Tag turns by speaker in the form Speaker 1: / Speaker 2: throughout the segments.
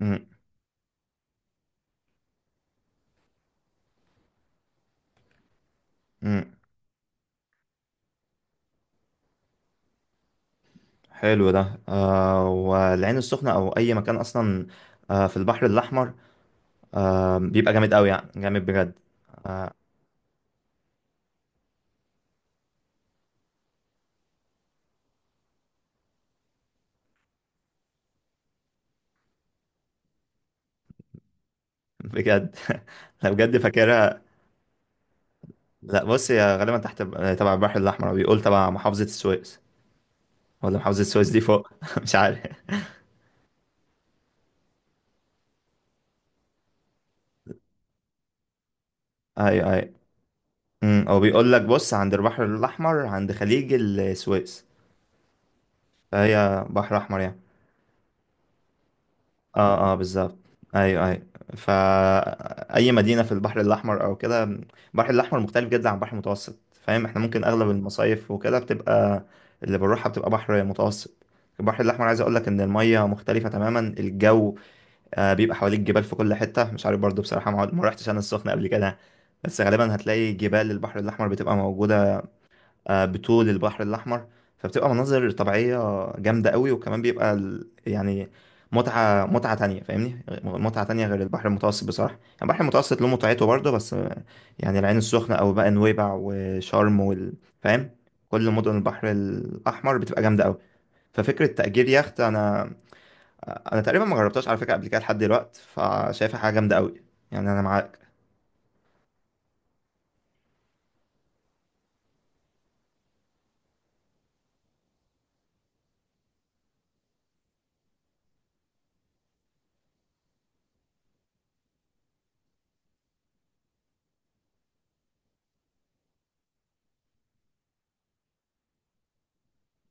Speaker 1: امم امم حلو ده، والعين السخنة او اي مكان اصلا. آه، في البحر الاحمر. بيبقى جامد قوي، يعني جامد بجد بجد. لا، بجد فاكرها. لا، بص يا، غالبا تحت، تبع البحر الاحمر، او بيقول تبع محافظة السويس. ولا محافظة السويس دي فوق؟ مش عارف. اي، اي. او بيقول لك، بص، عند البحر الاحمر، عند خليج السويس. فهي بحر احمر يعني. اه، اه، بالظبط. ايوه، ايوه. فا اي مدينه في البحر الاحمر او كده. البحر الاحمر مختلف جدا عن البحر المتوسط، فاهم، احنا ممكن اغلب المصايف وكده بتبقى، اللي بنروحها بتبقى بحر متوسط. البحر الاحمر، عايز اقول لك ان الميه مختلفه تماما، الجو. بيبقى حواليك جبال في كل حته، مش عارف برضو، بصراحه ما رحتش انا السخنه قبل كده، بس غالبا هتلاقي جبال البحر الاحمر بتبقى موجوده بطول البحر الأحمر. فبتبقى مناظر طبيعية جامدة قوي، وكمان بيبقى يعني متعة تانية، فاهمني، متعة تانية غير البحر المتوسط. بصراحة يعني، البحر المتوسط له متعته برضه بس. يعني العين السخنة أو بقى نويبع وشرم فاهم، كل مدن البحر الأحمر بتبقى جامدة قوي. ففكرة تأجير يخت، أنا تقريبا ما جربتهاش على فكرة قبل كده لحد دلوقتي، فشايفها حاجة جامدة قوي. يعني أنا معاك.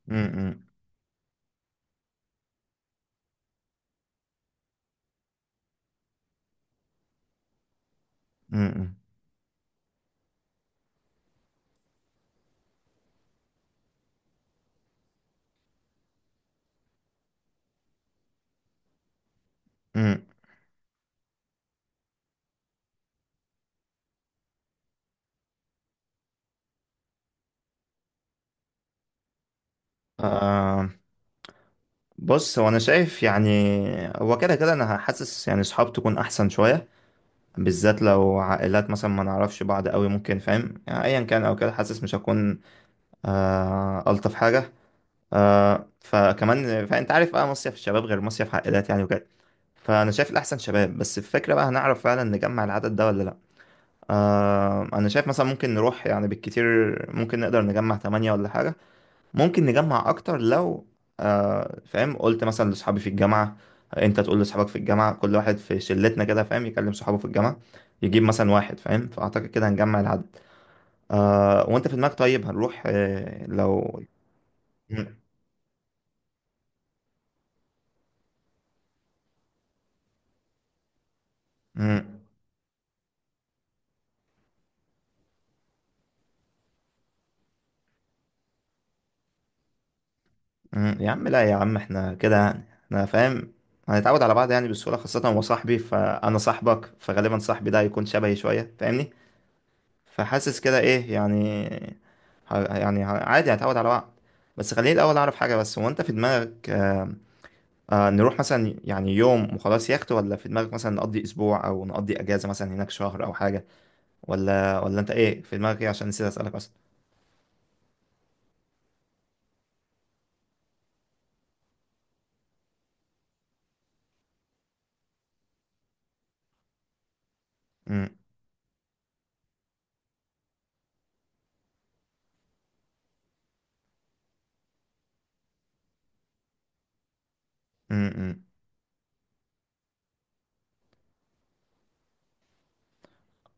Speaker 1: م- م- م- م. م. آم، بص، هو انا شايف يعني، هو كده كده انا حاسس يعني صحاب تكون احسن شويه، بالذات لو عائلات مثلا ما نعرفش بعض قوي، ممكن فاهم يعني ايا كان او كده، حاسس مش هكون الطف حاجه. فكمان، فانت عارف بقى مصيف الشباب غير مصيف عائلات يعني وكده. فانا شايف الاحسن شباب، بس الفكره بقى، هنعرف فعلا نجمع العدد ده ولا لا؟ انا شايف مثلا ممكن نروح يعني بالكتير، ممكن نقدر نجمع تمانية ولا حاجه، ممكن نجمع اكتر لو فاهم، قلت مثلا لاصحابي في الجامعه، انت تقول لاصحابك في الجامعه، كل واحد في شلتنا كده، فاهم، يكلم صحابه في الجامعه يجيب مثلا واحد، فاهم، فاعتقد كده هنجمع العدد. وانت في دماغك طيب، هنروح لو... مم. مم. مم. يا عم، لا يا عم، احنا كده يعني، احنا فاهم، هنتعود على بعض يعني بسهوله، خاصه هو صاحبي فانا صاحبك، فغالبا صاحبي ده هيكون شبهي شويه فاهمني. فحاسس كده، ايه يعني، يعني عادي هتعود على وقت. بس خليني الاول اعرف حاجه، بس هو انت في دماغك... نروح مثلا يعني يوم وخلاص يخت، ولا في دماغك مثلا نقضي اسبوع او نقضي اجازه مثلا هناك شهر او حاجه؟ ولا انت ايه في دماغك، ايه، عشان نسيت اسالك اصلا. امم امم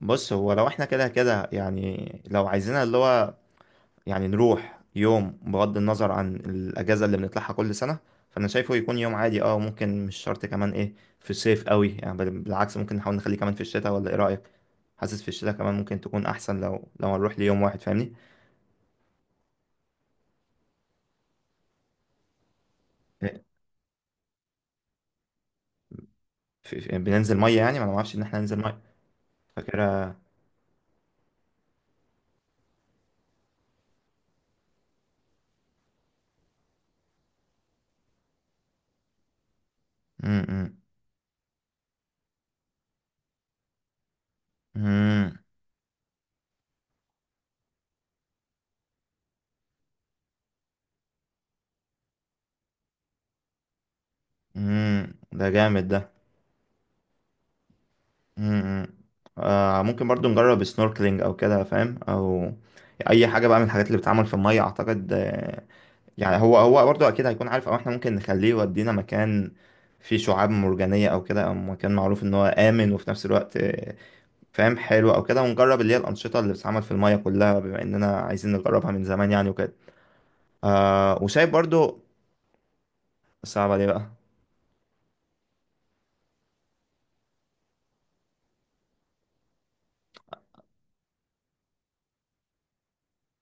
Speaker 1: بص، هو لو احنا كده كده يعني، لو عايزينها اللي هو يعني نروح يوم بغض النظر عن الأجازة اللي بنطلعها كل سنة، فأنا شايفه يكون يوم عادي، ممكن مش شرط كمان ايه، في الصيف قوي يعني. بالعكس، ممكن نحاول نخليه كمان في الشتاء، ولا ايه رأيك؟ حاسس في الشتاء كمان ممكن تكون أحسن، لو هنروح ليوم واحد فاهمني. إيه، بننزل مية يعني؟ ما أنا معرفش إن احنا ننزل مية. فاكرها. أمم، أمم، أمم، ده جامد ده. أمم. ممكن برضو نجرب سنوركلينج أو كده، فاهم، أو أي حاجة بقى من الحاجات اللي بتتعمل في المية أعتقد. يعني هو هو برضه اكيد هيكون عارف، او احنا ممكن نخليه يودينا مكان فيه شعاب مرجانية او كده، او مكان معروف ان هو امن، وفي نفس الوقت فاهم، حلو او كده، ونجرب اللي هي الانشطة اللي بتتعمل في المية كلها، بما اننا عايزين نجربها من زمان يعني وكده. وشايف برضه. صعبة ليه بقى؟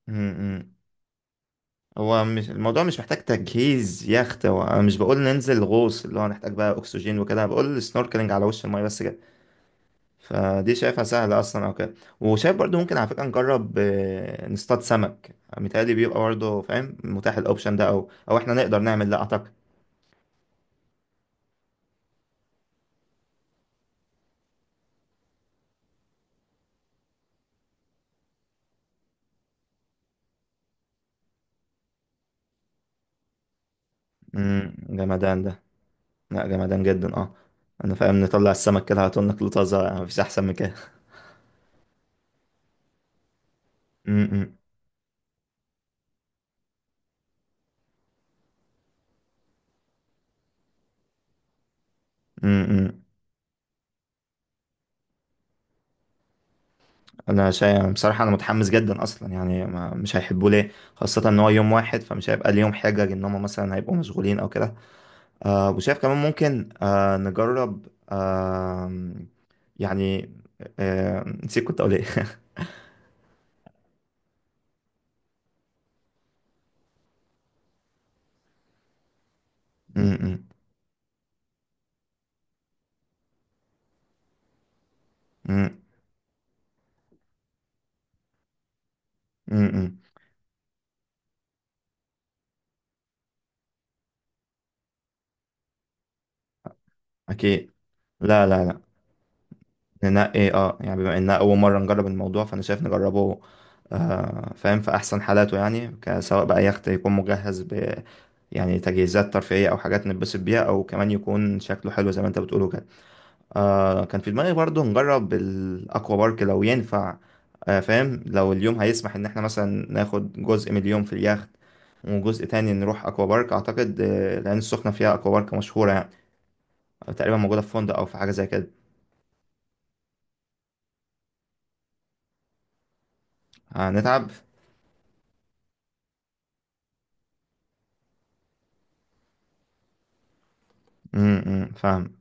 Speaker 1: امم هو مش الموضوع، مش محتاج تجهيز يخت، هو انا مش بقول ننزل غوص اللي هو هنحتاج بقى اكسجين وكده، أنا بقول سنوركلينج على وش المية بس كده، فدي شايفها سهلة أصلا أو كده. وشايف برضو ممكن، على فكرة نجرب نصطاد سمك، متهيألي بيبقى برضو فاهم متاح، الأوبشن ده، أو إحنا نقدر نعمل ده أعتقد. جمدان ده. لا، جمدان جدا. أنا فاهم، نطلع السمك كده هتقولنا كله طازة يعني، مفيش أحسن من كده. امم، امم. أنا شايف بصراحة أنا متحمس جدا أصلا، يعني ما مش هيحبوا ليه، خاصة إن هو يوم واحد، فمش هيبقى ليهم حجج إن هما مثلا هيبقوا مشغولين أو كده. وشايف كمان ممكن نجرب. يعني نسيت كنت اقول ايه. م- م- م- م- اكيد. لا، لا، لا، ننقي، يعني بما اننا اول مره نجرب الموضوع، فانا شايف نجربه فاهم، في احسن حالاته، يعني سواء بقى يخت يكون مجهز يعني تجهيزات ترفيهيه، او حاجات نتبسط بيها، او كمان يكون شكله حلو زي ما انت بتقوله كده. كان في دماغي برضه نجرب الأكوا بارك لو ينفع. فاهم، لو اليوم هيسمح إن احنا مثلا ناخد جزء من اليوم في اليخت وجزء تاني نروح أكوا بارك أعتقد، لأن السخنة فيها أكوا بارك مشهورة يعني. تقريبا موجودة في فندق أو في حاجة زي كده. هنتعب. أمم، فاهم.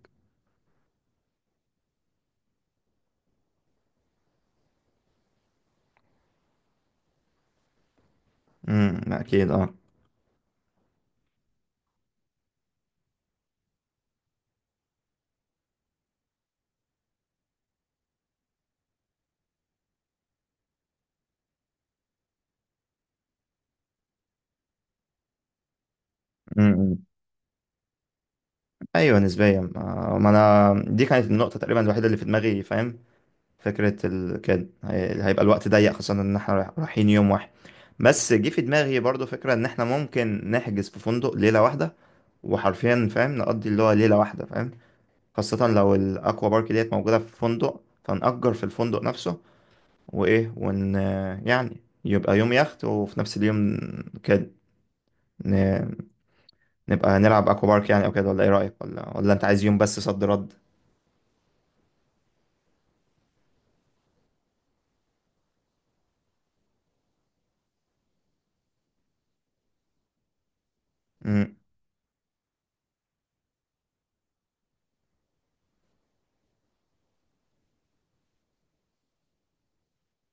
Speaker 1: أكيد اه امم، أمم. ايوه، نسبيا، ما انا دي كانت النقطه تقريبا الوحيده اللي في دماغي فاهم. فكرة هيبقى الوقت ضيق، خصوصا ان احنا رايحين يوم واحد. بس جه في دماغي برضو فكرة ان احنا ممكن نحجز في فندق ليلة واحدة، وحرفيا فاهم نقضي اللي هو ليلة واحدة، فاهم، خاصة لو الاكوا بارك ديت موجودة في فندق، فنأجر في الفندق نفسه، وايه، ون... يعني يبقى يوم يخت وفي نفس اليوم كده ن... نبقى نلعب اكوا بارك يعني او كده، ولا ايه رأيك، ولا انت عايز يوم بس صد رد؟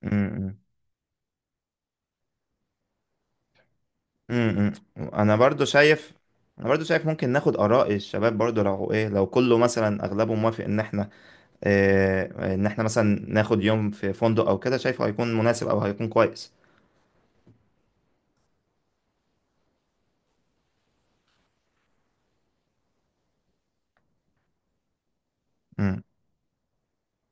Speaker 1: امم امم انا برضو شايف انا برضو شايف ممكن ناخد اراء الشباب برضو، لو ايه، لو كله مثلا اغلبه موافق ان احنا إيه، ان احنا مثلا ناخد يوم في فندق او كده، شايفه هيكون مناسب او هيكون كويس. امم.